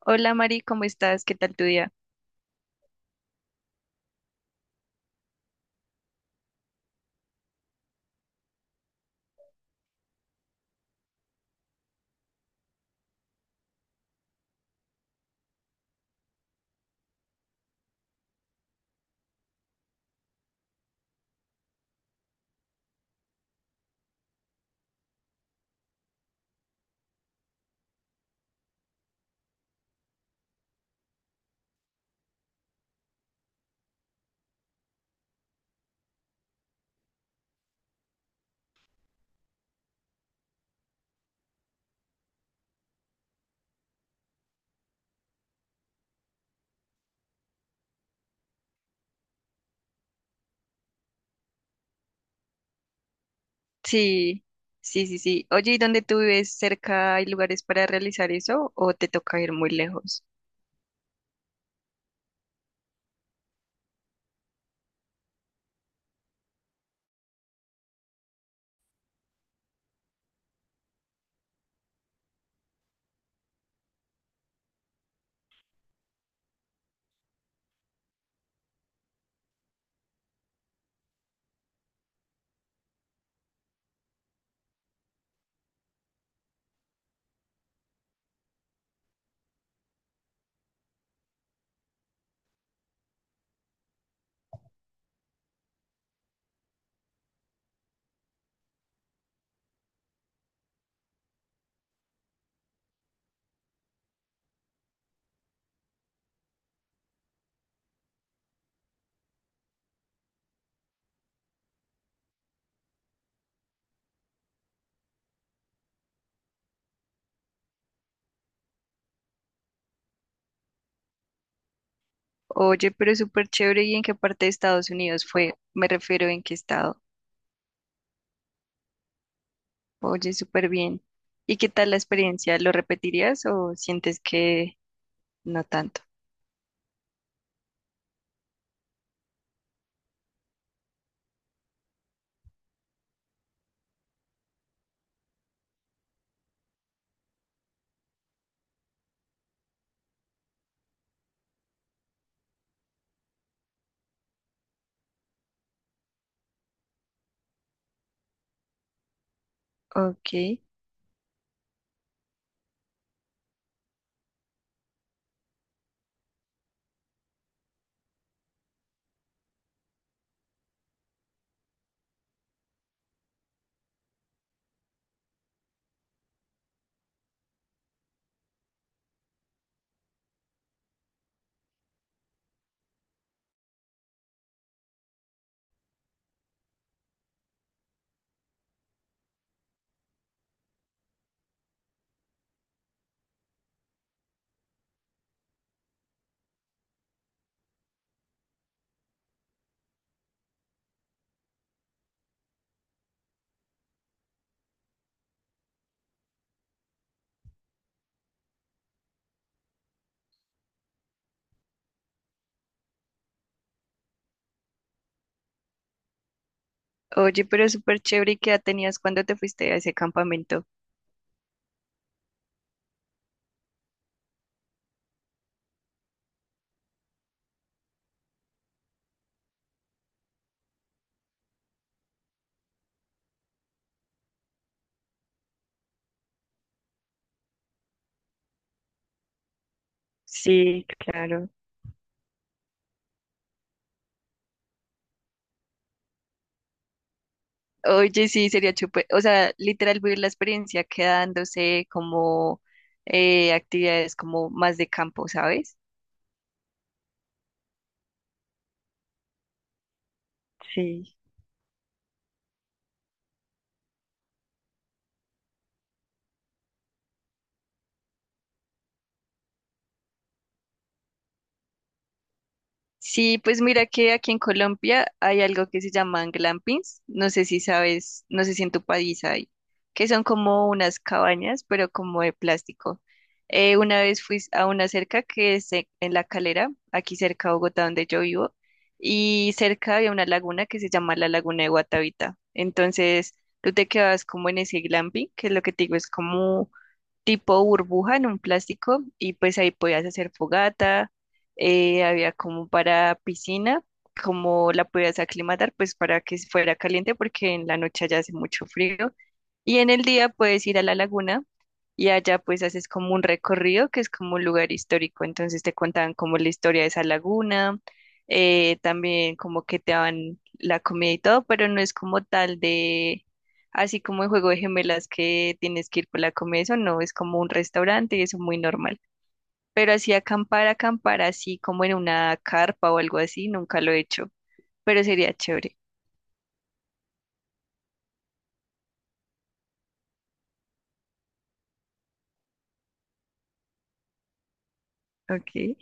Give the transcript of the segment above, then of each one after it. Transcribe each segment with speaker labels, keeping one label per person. Speaker 1: Hola Mari, ¿cómo estás? ¿Qué tal tu día? Sí, sí, sí, sí. Oye, ¿y dónde tú vives? ¿Cerca hay lugares para realizar eso o te toca ir muy lejos? Oye, pero súper chévere. ¿Y en qué parte de Estados Unidos fue? Me refiero en qué estado. Oye, súper bien. ¿Y qué tal la experiencia? ¿Lo repetirías o sientes que no tanto? Ok. Oye, pero súper chévere. ¿Y qué edad tenías cuando te fuiste a ese campamento? Sí, claro. Oye, sí, sería chupe. O sea, literal vivir la experiencia quedándose como actividades como más de campo, ¿sabes? Sí. Sí, pues mira que aquí en Colombia hay algo que se llaman glampings. No sé si sabes, no sé si en tu país hay, que son como unas cabañas, pero como de plástico. Una vez fui a una cerca que es e- en La Calera, aquí cerca de Bogotá, donde yo vivo, y cerca había una laguna que se llama la Laguna de Guatavita. Entonces, tú te quedas como en ese glamping, que es lo que te digo, es como tipo burbuja en un plástico y pues ahí podías hacer fogata, había como para piscina, como la podías aclimatar pues para que fuera caliente porque en la noche allá hace mucho frío y en el día puedes ir a la laguna y allá pues haces como un recorrido que es como un lugar histórico, entonces te contaban como la historia de esa laguna, también como que te daban la comida y todo, pero no es como tal de así como el juego de gemelas que tienes que ir por la comida, eso no, es como un restaurante y eso es muy normal. Pero así acampar así como en una carpa o algo así, nunca lo he hecho, pero sería chévere. Ok.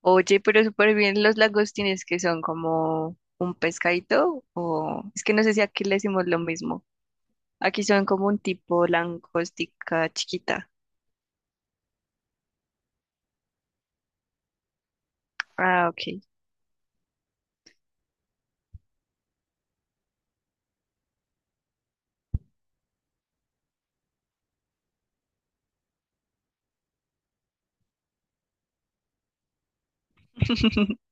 Speaker 1: Oye, pero súper bien los lagostines que son como un pescadito o es que no sé si aquí le decimos lo mismo. Aquí son como un tipo langostica chiquita. Ah, ok.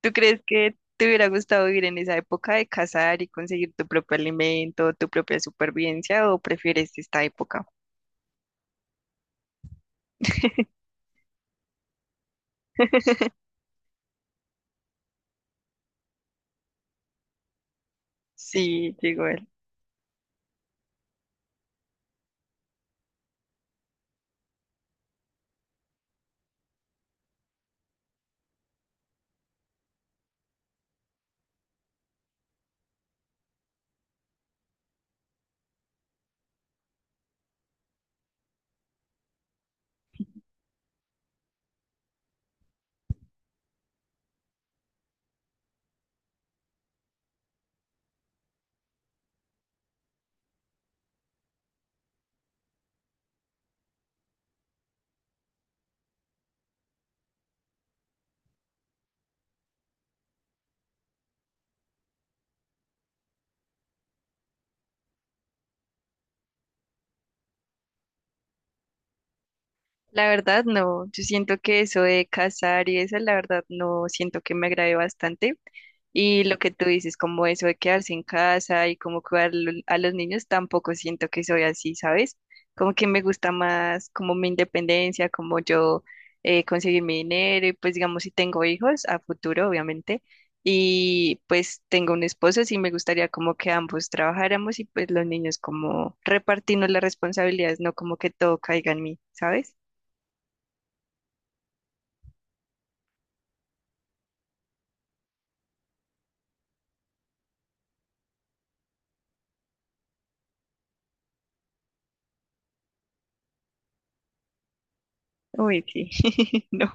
Speaker 1: ¿Tú crees que te hubiera gustado vivir en esa época de cazar y conseguir tu propio alimento, tu propia supervivencia, o prefieres esta época? Sí, llegó él. La verdad, no. Yo siento que eso de cazar y eso, la verdad, no siento que me agrade bastante. Y lo que tú dices, como eso de quedarse en casa y como cuidar lo- a los niños, tampoco siento que soy así, ¿sabes? Como que me gusta más como mi independencia, como yo conseguir mi dinero y pues digamos si tengo hijos a futuro, obviamente, y pues tengo un esposo, sí me gustaría como que ambos trabajáramos y pues los niños como repartirnos las responsabilidades, no como que todo caiga en mí, ¿sabes? Uy, sí. No.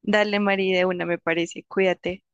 Speaker 1: Dale, María, de una, me parece. Cuídate.